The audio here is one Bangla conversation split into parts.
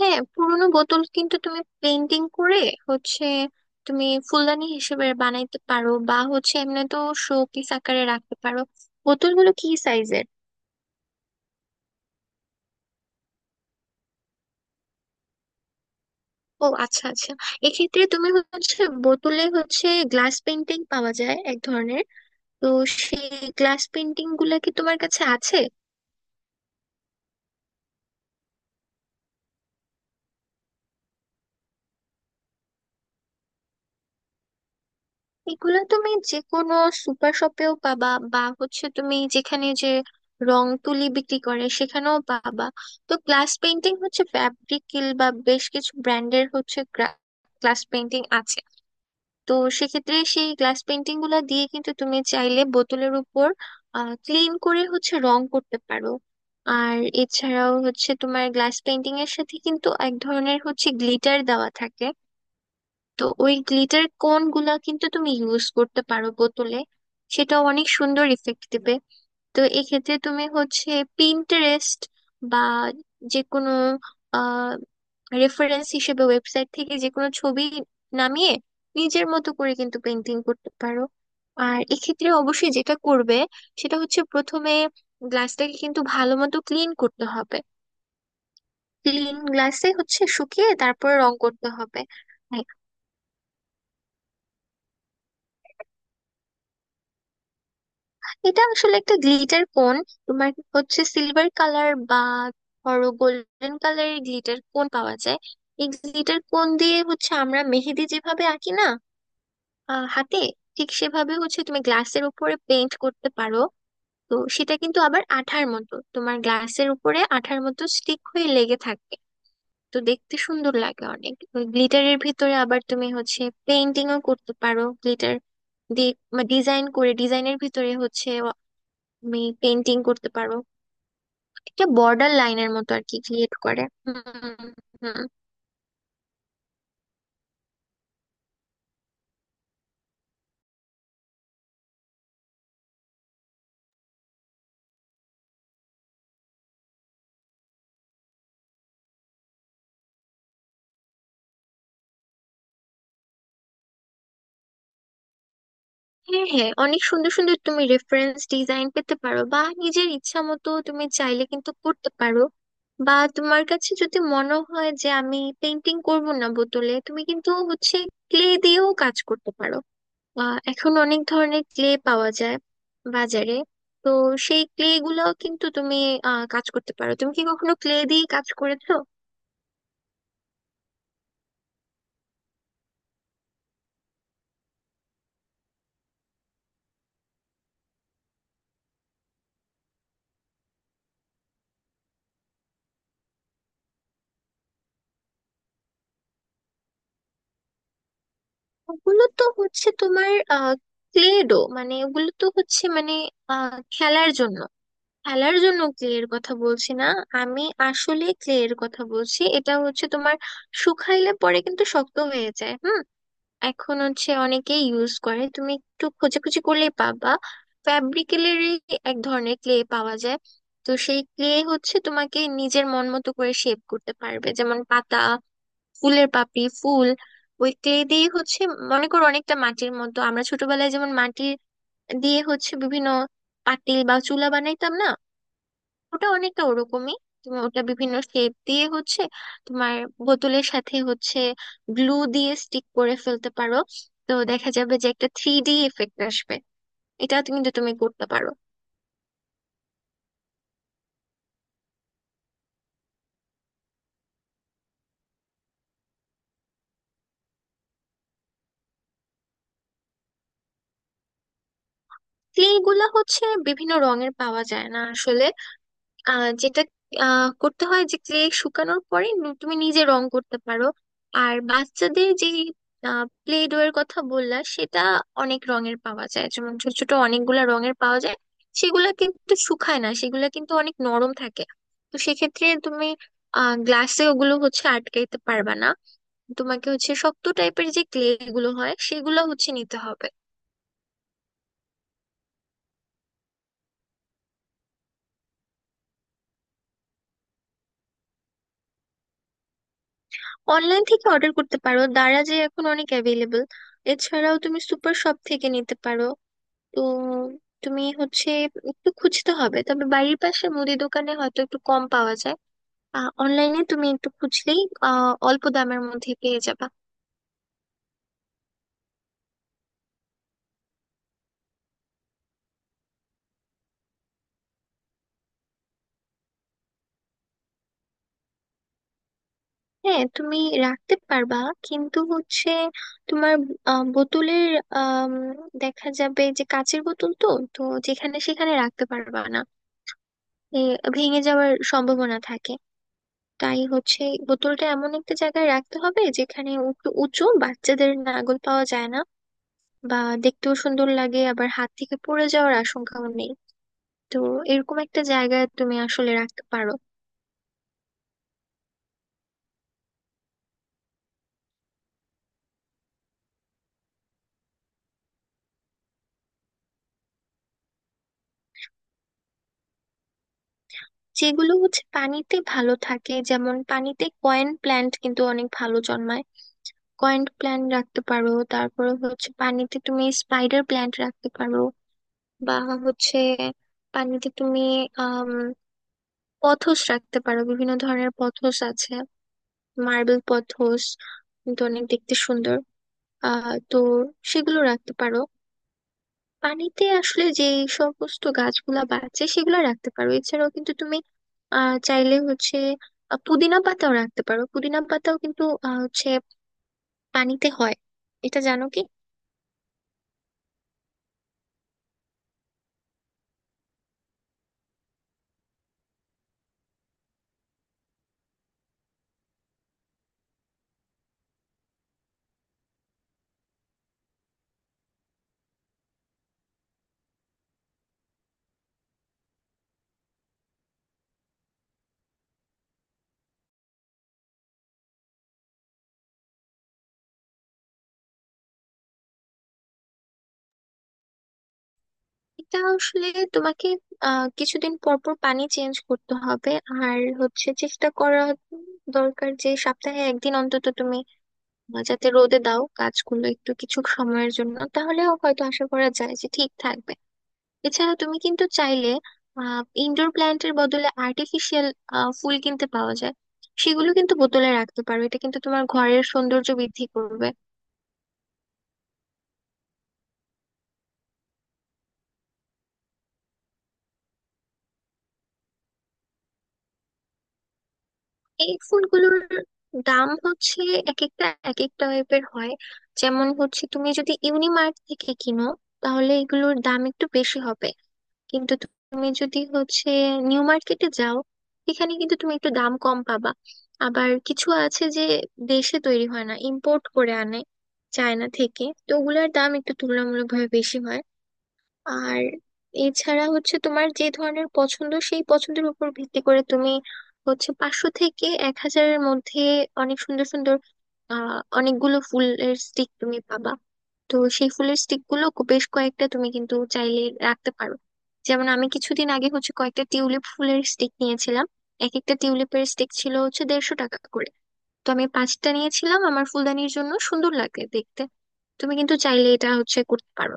হ্যাঁ, পুরোনো বোতল কিন্তু তুমি পেন্টিং করে হচ্ছে তুমি ফুলদানি হিসেবে বানাইতে পারো, বা এমনি তো শোপিস আকারে রাখতে পারো। বোতলগুলো কি সাইজের? ও আচ্ছা, আচ্ছা। এক্ষেত্রে তুমি বোতলে গ্লাস পেন্টিং পাওয়া যায় এক ধরনের। তো সেই গ্লাস পেন্টিং গুলা কি তোমার কাছে আছে? এগুলো তুমি যে কোনো সুপার শপেও পাবা, বা তুমি যেখানে যে রং তুলি বিক্রি করে সেখানেও পাবা। তো গ্লাস পেইন্টিং ফ্যাব্রিকিল বা বেশ কিছু ব্র্যান্ডের গ্লাস পেইন্টিং আছে। তো সেক্ষেত্রে সেই গ্লাস পেইন্টিং গুলো দিয়ে কিন্তু তুমি চাইলে বোতলের উপর ক্লিন করে রং করতে পারো। আর এছাড়াও তোমার গ্লাস পেইন্টিং এর সাথে কিন্তু এক ধরনের গ্লিটার দেওয়া থাকে। তো ওই গ্লিটার কোন গুলা কিন্তু তুমি ইউজ করতে পারো বোতলে, সেটা অনেক সুন্দর ইফেক্ট দেবে। তো এক্ষেত্রে তুমি পিন্টারেস্ট বা যে কোনো আহ রেফারেন্স হিসেবে ওয়েবসাইট থেকে যে কোনো ছবি নামিয়ে নিজের মতো করে কিন্তু পেন্টিং করতে পারো। আর এক্ষেত্রে অবশ্যই যেটা করবে সেটা হচ্ছে প্রথমে গ্লাসটাকে কিন্তু ভালো মতো ক্লিন করতে হবে। ক্লিন গ্লাসে শুকিয়ে তারপর রং করতে হবে। হ্যাঁ। এটা আসলে একটা গ্লিটার কোন। তোমার সিলভার কালার বা ধরো গোল্ডেন কালারের গ্লিটার কোন পাওয়া যায়। এই গ্লিটার কোন দিয়ে আমরা মেহেদি যেভাবে আঁকি না, হাতে, ঠিক সেভাবে তুমি গ্লাসের উপরে পেইন্ট করতে পারো। তো সেটা কিন্তু আবার আঠার মতো তোমার গ্লাসের উপরে আঠার মতো স্টিক হয়ে লেগে থাকে। তো দেখতে সুন্দর লাগে অনেক। গ্লিটারের ভিতরে আবার তুমি পেইন্টিংও করতে পারো, গ্লিটার দিয়ে ডিজাইন করে ডিজাইনের ভিতরে তুমি পেন্টিং করতে পারো, একটা বর্ডার লাইনের মতো আর কি ক্রিয়েট করে। হুম। হুম। হ্যাঁ, হ্যাঁ, অনেক সুন্দর সুন্দর তুমি রেফারেন্স ডিজাইন পেতে পারো, বা নিজের ইচ্ছা মতো তুমি চাইলে কিন্তু করতে পারো। বা তোমার কাছে যদি মনে হয় যে আমি পেন্টিং করব না বোতলে, তুমি কিন্তু ক্লে দিয়েও কাজ করতে পারো। এখন অনেক ধরনের ক্লে পাওয়া যায় বাজারে। তো সেই ক্লে গুলাও কিন্তু তুমি কাজ করতে পারো। তুমি কি কখনো ক্লে দিয়ে কাজ করেছো? ওগুলো তো হচ্ছে তোমার ক্লে ডো, মানে ওগুলো তো হচ্ছে মানে খেলার জন্য। খেলার জন্য ক্লে এর কথা বলছি না আমি, আসলে ক্লে এর কথা বলছি, এটা হচ্ছে তোমার শুকাইলে পরে কিন্তু শক্ত হয়ে যায়। হুম। এখন অনেকেই ইউজ করে, তুমি একটু খোঁজাখুঁজি করলেই পাবা। ফ্যাব্রিকেলেরই এক ধরনের ক্লে পাওয়া যায়। তো সেই ক্লে তোমাকে নিজের মন মতো করে শেপ করতে পারবে, যেমন পাতা, ফুলের পাপড়ি, ফুল। ওই ক্লে দিয়ে মনে করো অনেকটা মাটির মতো, আমরা ছোটবেলায় যেমন মাটি দিয়ে বিভিন্ন পাতিল বা চুলা বানাইতাম না, ওটা অনেকটা ওরকমই। তুমি ওটা বিভিন্ন শেপ দিয়ে তোমার বোতলের সাথে গ্লু দিয়ে স্টিক করে ফেলতে পারো। তো দেখা যাবে যে একটা 3D এফেক্ট আসবে। এটা কিন্তু তুমি করতে পারো। ক্লে গুলা বিভিন্ন রঙের পাওয়া যায় না আসলে। যেটা করতে হয় যে ক্লে শুকানোর পরে তুমি নিজে রং করতে পারো। আর বাচ্চাদের যে প্লে ডো এর কথা বললা সেটা অনেক রঙের পাওয়া যায়, যেমন ছোট ছোট অনেকগুলা রঙের পাওয়া যায়। সেগুলা কিন্তু শুকায় না, সেগুলা কিন্তু অনেক নরম থাকে। তো সেক্ষেত্রে তুমি গ্লাসে ওগুলো আটকাইতে পারবা না। তোমাকে শক্ত টাইপের যে ক্লে গুলো হয় সেগুলো নিতে হবে। অনলাইন থেকে অর্ডার করতে পারো, দারাজে এখন অনেক অ্যাভেলেবল। এছাড়াও তুমি সুপার শপ থেকে নিতে পারো। তো তুমি একটু খুঁজতে হবে, তবে বাড়ির পাশে মুদি দোকানে হয়তো একটু কম পাওয়া যায়। অনলাইনে তুমি একটু খুঁজলেই অল্প দামের মধ্যে পেয়ে যাবে। হ্যাঁ, তুমি রাখতে পারবা, কিন্তু তোমার বোতলের আম, দেখা যাবে যে কাঁচের বোতল তো, তো যেখানে সেখানে রাখতে পারবা না, এ, ভেঙে যাওয়ার সম্ভাবনা থাকে। তাই এই বোতলটা এমন একটা জায়গায় রাখতে হবে যেখানে একটু উঁচু, বাচ্চাদের নাগাল পাওয়া যায় না, বা দেখতেও সুন্দর লাগে, আবার হাত থেকে পড়ে যাওয়ার আশঙ্কাও নেই। তো এরকম একটা জায়গায় তুমি আসলে রাখতে পারো। যেগুলো পানিতে ভালো থাকে, যেমন পানিতে কয়েন প্ল্যান্ট কিন্তু অনেক ভালো জন্মায়। কয়েন প্ল্যান্ট রাখতে পারো, তারপরে পানিতে তুমি স্পাইডার প্ল্যান্ট রাখতে পারো, বা হচ্ছে পানিতে তুমি আহ পথস রাখতে পারো। বিভিন্ন ধরনের পথস আছে, মার্বেল পথস কিন্তু অনেক দেখতে সুন্দর। তো সেগুলো রাখতে পারো। পানিতে আসলে যে সমস্ত গাছগুলা বাঁচে সেগুলো রাখতে পারো। এছাড়াও কিন্তু তুমি চাইলে পুদিনা পাতাও রাখতে পারো, পুদিনা পাতাও কিন্তু পানিতে হয়। এটা জানো কি? এটা আসলে তোমাকে কিছুদিন পর পর পানি চেঞ্জ করতে হবে। আর চেষ্টা করা দরকার যে সপ্তাহে একদিন অন্তত তুমি যাতে রোদে দাও গাছগুলো একটু কিছু সময়ের জন্য, তাহলেও হয়তো আশা করা যায় যে ঠিক থাকবে। এছাড়া তুমি কিন্তু চাইলে ইনডোর প্ল্যান্টের বদলে আর্টিফিশিয়াল ফুল কিনতে পাওয়া যায়। সেগুলো কিন্তু বোতলে রাখতে পারো, এটা কিন্তু তোমার ঘরের সৌন্দর্য বৃদ্ধি করবে। এই ফুলগুলোর দাম এক একটা এক এক টাইপের হয়। যেমন তুমি যদি ইউনিমার্ট থেকে কিনো, তাহলে এগুলোর দাম একটু বেশি হবে। কিন্তু তুমি যদি নিউ মার্কেটে যাও, এখানে কিন্তু তুমি একটু দাম কম পাবা। আবার কিছু আছে যে দেশে তৈরি হয় না, ইম্পোর্ট করে আনে চায়না থেকে, তো ওগুলোর দাম একটু তুলনামূলকভাবে বেশি হয়। আর এছাড়া তোমার যে ধরনের পছন্দ সেই পছন্দের উপর ভিত্তি করে তুমি 500 থেকে 1,000 এর মধ্যে অনেক সুন্দর সুন্দর অনেকগুলো ফুলের স্টিক তুমি পাবা। তো সেই ফুলের স্টিক গুলো বেশ কয়েকটা তুমি কিন্তু চাইলে রাখতে পারো। যেমন আমি কিছুদিন আগে কয়েকটা টিউলিপ ফুলের স্টিক নিয়েছিলাম। এক একটা টিউলিপের স্টিক ছিল 150 টাকা করে। তো আমি 5টা নিয়েছিলাম আমার ফুলদানির জন্য, সুন্দর লাগে দেখতে। তুমি কিন্তু চাইলে এটা করতে পারো।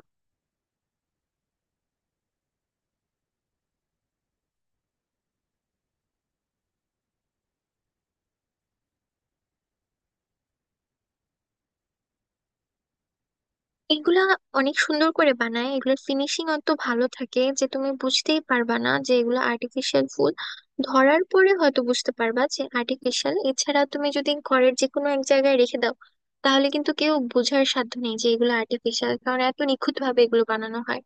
এগুলা অনেক সুন্দর করে বানায়, এগুলোর ফিনিশিং অত ভালো থাকে যে তুমি বুঝতেই পারবা না যে এগুলো আর্টিফিশিয়াল ফুল। ধরার পরে হয়তো বুঝতে পারবা যে আর্টিফিশিয়াল, এছাড়া তুমি যদি ঘরের যে কোনো এক জায়গায় রেখে দাও তাহলে কিন্তু কেউ বোঝার সাধ্য নেই যে এগুলো আর্টিফিশিয়াল, কারণ এত নিখুঁত ভাবে এগুলো বানানো হয়।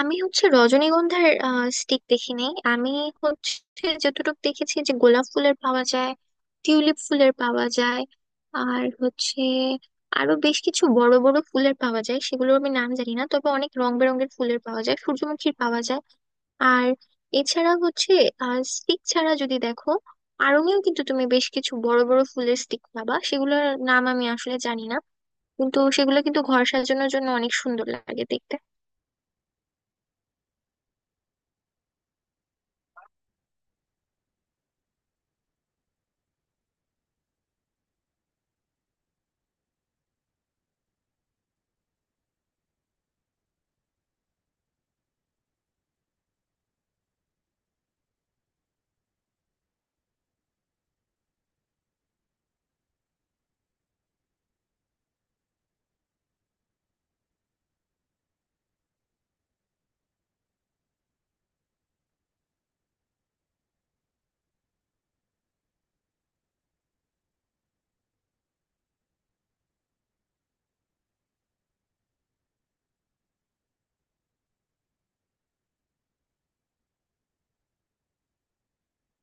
আমি রজনীগন্ধার স্টিক দেখিনি। আমি যতটুকু দেখেছি যে গোলাপ ফুলের পাওয়া যায়, টিউলিপ ফুলের পাওয়া যায়। আর আরো বেশ কিছু বড় বড় ফুলের পাওয়া যায়, সেগুলোর আমি নাম জানি না, তবে অনেক রং বেরঙের ফুলের পাওয়া যায়, সূর্যমুখীর পাওয়া যায়। আর এছাড়া স্টিক ছাড়া যদি দেখো, আড়ঙেও কিন্তু তুমি বেশ কিছু বড় বড় ফুলের স্টিক পাবা, সেগুলোর নাম আমি আসলে জানি না, কিন্তু সেগুলো কিন্তু ঘর সাজানোর জন্য অনেক সুন্দর লাগে দেখতে।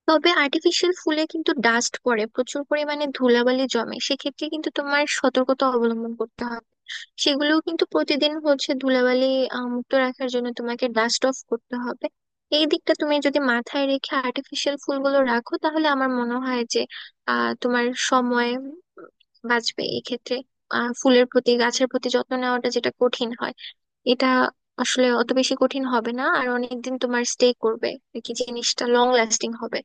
তবে আর্টিফিশিয়াল ফুলে কিন্তু ডাস্ট পড়ে, প্রচুর পরিমাণে ধুলাবালি জমে, সেক্ষেত্রে কিন্তু তোমার সতর্কতা অবলম্বন করতে হবে। সেগুলোও কিন্তু প্রতিদিন ধুলাবালি মুক্ত রাখার জন্য তোমাকে ডাস্ট অফ করতে হবে। এই দিকটা তুমি যদি মাথায় রেখে আর্টিফিশিয়াল ফুলগুলো রাখো, তাহলে আমার মনে হয় যে তোমার সময় বাঁচবে এক্ষেত্রে। ফুলের প্রতি, গাছের প্রতি যত্ন নেওয়াটা যেটা কঠিন হয়, এটা আসলে অত বেশি কঠিন হবে না, আর অনেকদিন তোমার স্টে করবে, আর কি জিনিসটা লং লাস্টিং হবে।